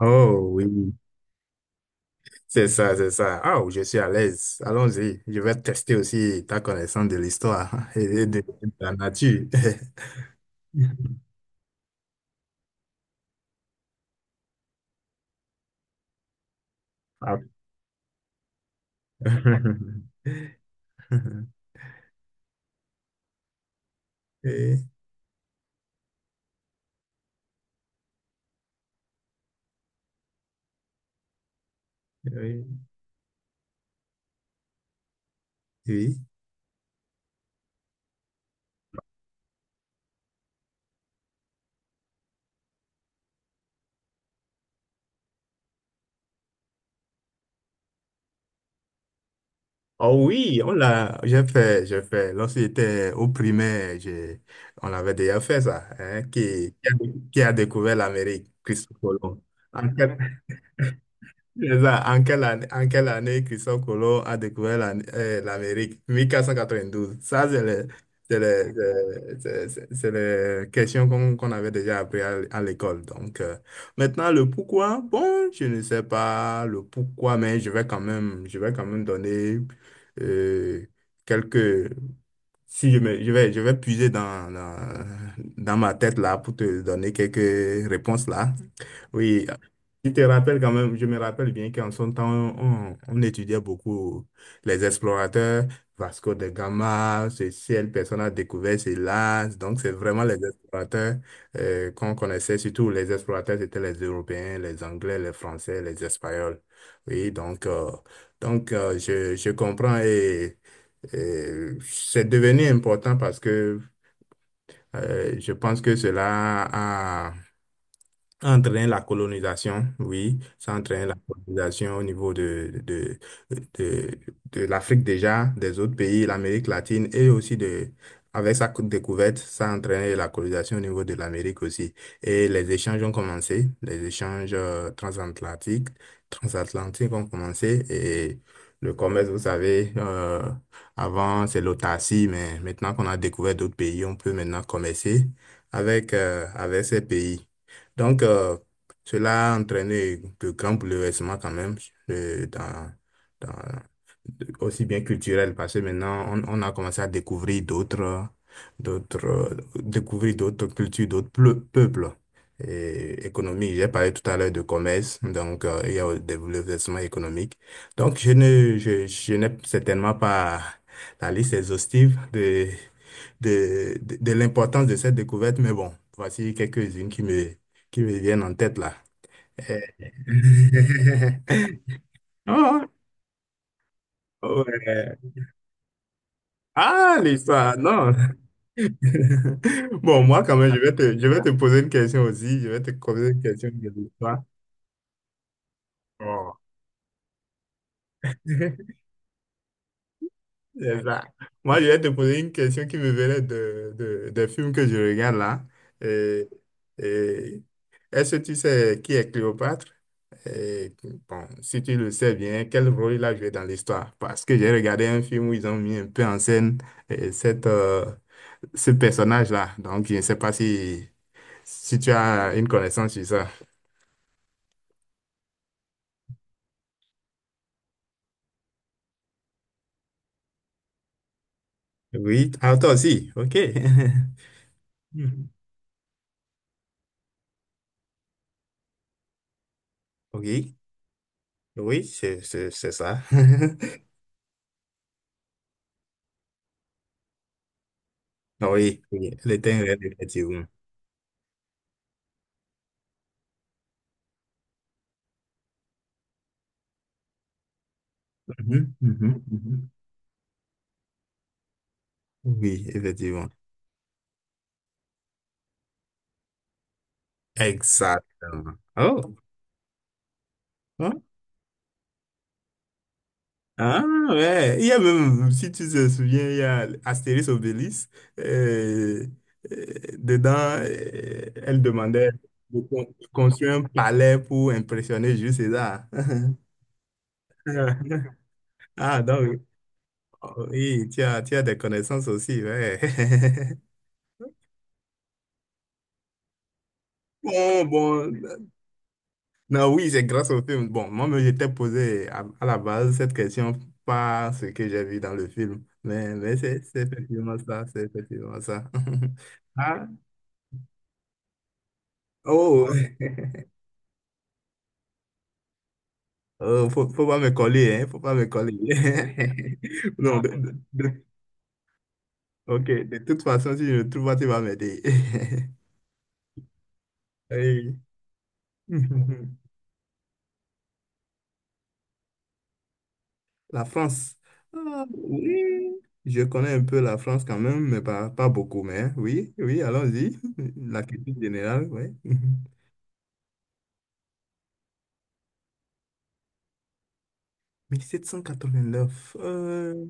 Oh oui, c'est ça, c'est ça. Ah, je suis à l'aise. Allons-y. Je vais tester aussi ta connaissance de l'histoire et de la nature. Ah. Et- oui, oui. Oh oui, on l'a, j'ai fait. Lorsque j'étais au primaire, on avait déjà fait ça, hein. Qui a découvert l'Amérique? Christophe Colomb. En quelle, C'est ça. En quelle année Christophe Colomb a découvert l'Amérique? 1492. Ça, c'est le- c'est le- c'est les questions qu'on avait déjà appris à l'école. Donc, maintenant, le pourquoi, bon, je ne sais pas le pourquoi, mais je vais quand même donner euh, quelques. Si je me, je vais puiser dans ma tête là pour te donner quelques réponses là. Oui, je te rappelle quand même, je me rappelle bien qu'en son temps, on étudiait beaucoup les explorateurs, Vasco de Gama, ce ciel, personne a découvert cela. Donc, c'est vraiment les explorateurs qu'on connaissait, surtout les explorateurs, c'était les Européens, les Anglais, les Français, les Espagnols. Oui, donc, je comprends et. C'est devenu important parce que je pense que cela a Entraîne la colonisation, oui, ça entraîne la... Mhm. Colonisation au niveau de, de l'Afrique déjà, des autres pays, l'Amérique latine et aussi de, avec sa découverte, ça entraîne la colonisation au niveau de l'Amérique aussi. Et les échanges ont commencé, les échanges transatlantiques, transatlantiques ont commencé et le commerce, vous savez, avant c'est l'autarcie, mais maintenant qu'on a découvert d'autres pays, on peut maintenant commercer avec, avec ces pays. Donc, cela a entraîné de grands bouleversements quand même euh, dans, dans aussi bien culturel, parce que maintenant, on a commencé à découvrir d'autres, découvrir d'autres cultures, d'autres peuples. Et économie, j'ai parlé tout à l'heure de commerce, donc il y a le développement économique. Donc, je ne, je n'ai certainement pas la liste exhaustive de l'importance de cette découverte, mais bon, voici quelques-unes qui me viennent en tête là. Euh, Oh, ouais. Ah, l'histoire, non. Bon, moi, quand même, je vais te poser une question aussi. Je vais te poser une question de l'histoire. Oh. C'est ça. Moi, je vais te poser une question qui me venait de, des films que je regarde là. Et, et est-ce que tu sais qui est Cléopâtre? Et bon, si tu le sais bien, quel rôle il a joué dans l'histoire? Parce que j'ai regardé un film où ils ont mis un peu en scène euh, cette, euh, ce personnage-là. Donc, je ne sais pas si, si tu as une connaissance sur ça. Oui, ah, toi aussi, ok. Mhm. Oui, oui, c'est ça. Ah oui, oui, elle était un rêve, effectivement. Mhm, mhm, mhm. Oui, effectivement. Exactement. Oh, oh. Ah ouais, il y a même, si tu te souviens, il y a Astérix Obélix, euh, dedans, elle demandait de de construire un palais pour impressionner Jules César. Ah, donc, oh, oui, tu as des connaissances aussi, ouais. Bon, bon. Non, oui, c'est grâce au film. Bon, moi, je j'étais posé à la base cette question par ce que j'ai vu dans le film. Mais c'est effectivement ça, c'est effectivement ça. Ah, oh, oh, faut pas me coller, hein, faut pas me coller. Non, ok, de toute façon, si je ne trouve pas, tu vas m'aider. Oui. La France. Ah, oui, je connais un peu la France quand même, mais pas beaucoup. Mais hein, oui, oui, allons-y. La culture générale, oui. Mille sept cent quatre-vingt-neuf. Euh,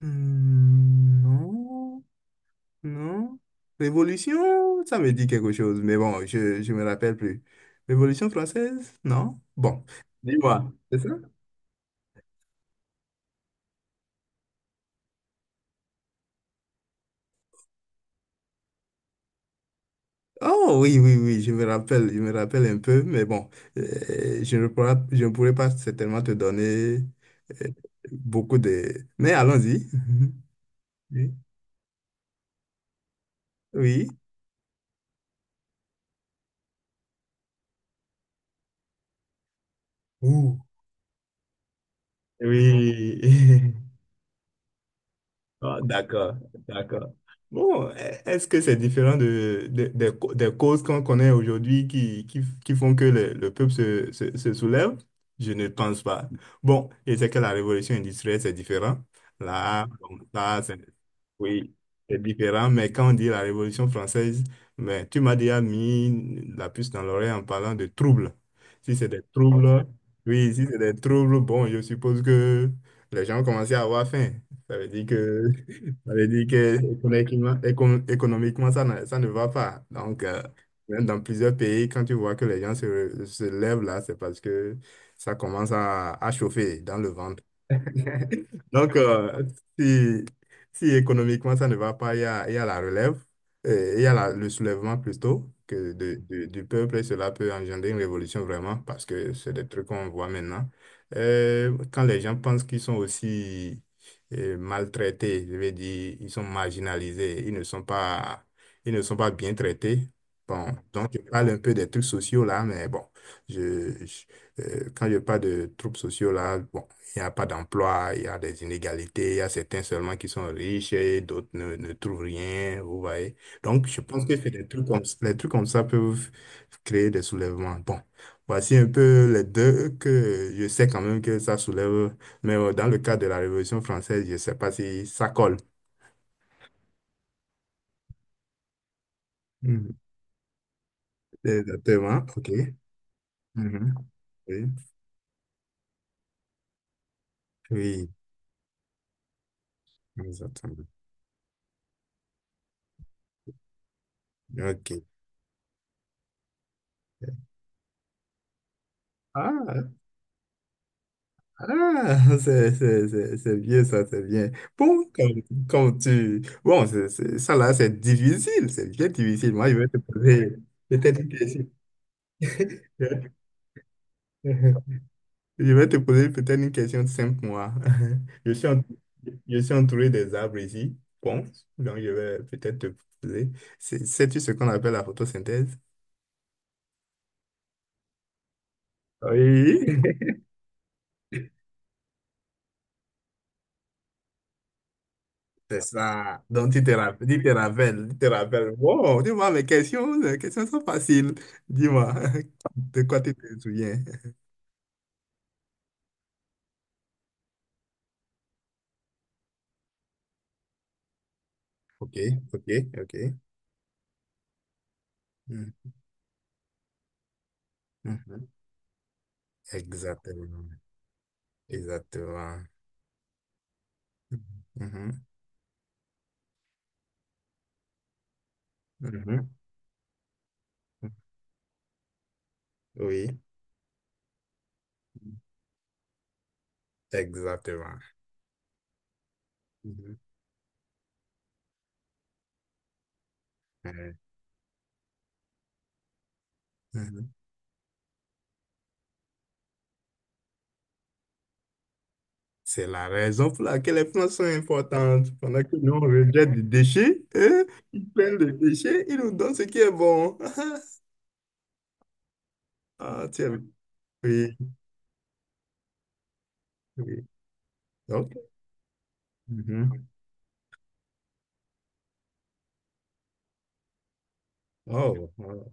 hmm, Non, non. Révolution, ça me dit quelque chose, mais bon, je ne me rappelle plus. Révolution française? Non? Bon, dis-moi. Oh oui, oui, oui, je me rappelle un peu, mais bon, je ne pourrais pas certainement te donner euh, beaucoup de... Mais allons-y. Oui. Oui. Ouh. Oui. Ah, d'accord, d'accord. Bon, est-ce que c'est différent de, des des causes qu'on connaît aujourd'hui qui font que le peuple se soulève? Je ne pense pas. Bon, et c'est que la révolution industrielle, c'est différent. Là, bon, oui, c'est différent. Mais quand on dit la Révolution française, mais tu m'as déjà mis la puce dans l'oreille en parlant de troubles. Si c'est des troubles, oui, si c'est des troubles, bon, je suppose que les gens commençaient à avoir faim. Ça veut dire que, ça veut dire que économiquement, économiquement, ça ne va pas. Donc, même dans plusieurs pays, quand tu vois que les gens se lèvent là, c'est parce que ça commence à chauffer dans le ventre. Donc, si, si économiquement ça ne va pas, il y a la relève, il y a la- le soulèvement plutôt que du peuple et cela peut engendrer une révolution vraiment parce que c'est des trucs qu'on voit maintenant. Quand les gens pensent qu'ils sont aussi maltraités, je veux dire, ils sont marginalisés, ils ne sont pas bien traités. Bon, donc je parle un peu des trucs sociaux là, mais bon, je, je- quand je parle de troubles sociaux là, bon. Il n'y a pas d'emploi, il y a des inégalités, il y a certains seulement qui sont riches et d'autres ne trouvent rien, vous voyez. Donc, je pense que c'est des les trucs comme ça peuvent créer des soulèvements. Bon, voici un peu les deux que je sais quand même que ça soulève, mais dans le cas de la Révolution française, je ne sais pas si ça colle. Mhm. Exactement, ok. Mhm. Oui, oui, exactement. Ok. Ah. Ah, c'est bien ça, c'est bien. Bon, comme, comme tu... Bon, c'est difficile, c'est bien difficile. Moi, je vais te poser peut-être une question. Je vais te poser peut-être une question simple, moi. Je suis, je suis entouré des arbres ici. Bon, donc je vais peut-être te poser. Sais-tu ce qu'on appelle la photosynthèse? Oui. C'est ça. Donc, tu te rappelles. Wow, dis-moi mes questions, les questions sont faciles. Dis-moi, de quoi tu te souviens? Ok, ok, ok. Mhm, mhm. Exactement, exactement. Mhm, mhm, mhm. Oui, exactement. Mhm, mhm, mhm. C'est la raison pour laquelle les plantes sont importantes. Pendant que nous, on rejette des déchets, eux, ils prennent des déchets, ils nous donnent ce qui est bon. Ah, tu sais, oui, oui. OK. Mhm. Oh, oh,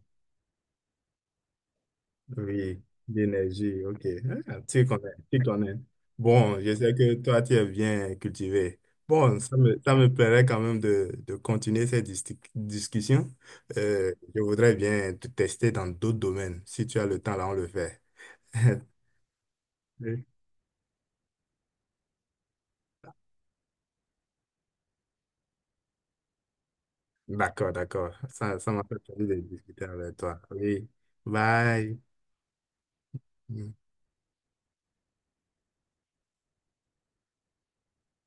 oui, d'énergie, OK. Ah, tu connais, tu connais. Bon, je sais que toi, tu es bien cultivé. Bon, ça me plairait quand même de continuer cette discussion. Je voudrais bien te tester dans d'autres domaines. Si tu as le temps, là, on le fait. Oui. D'accord, d'accord. Ça m'a fait plaisir de discuter avec toi. Oui. Bye. Mm.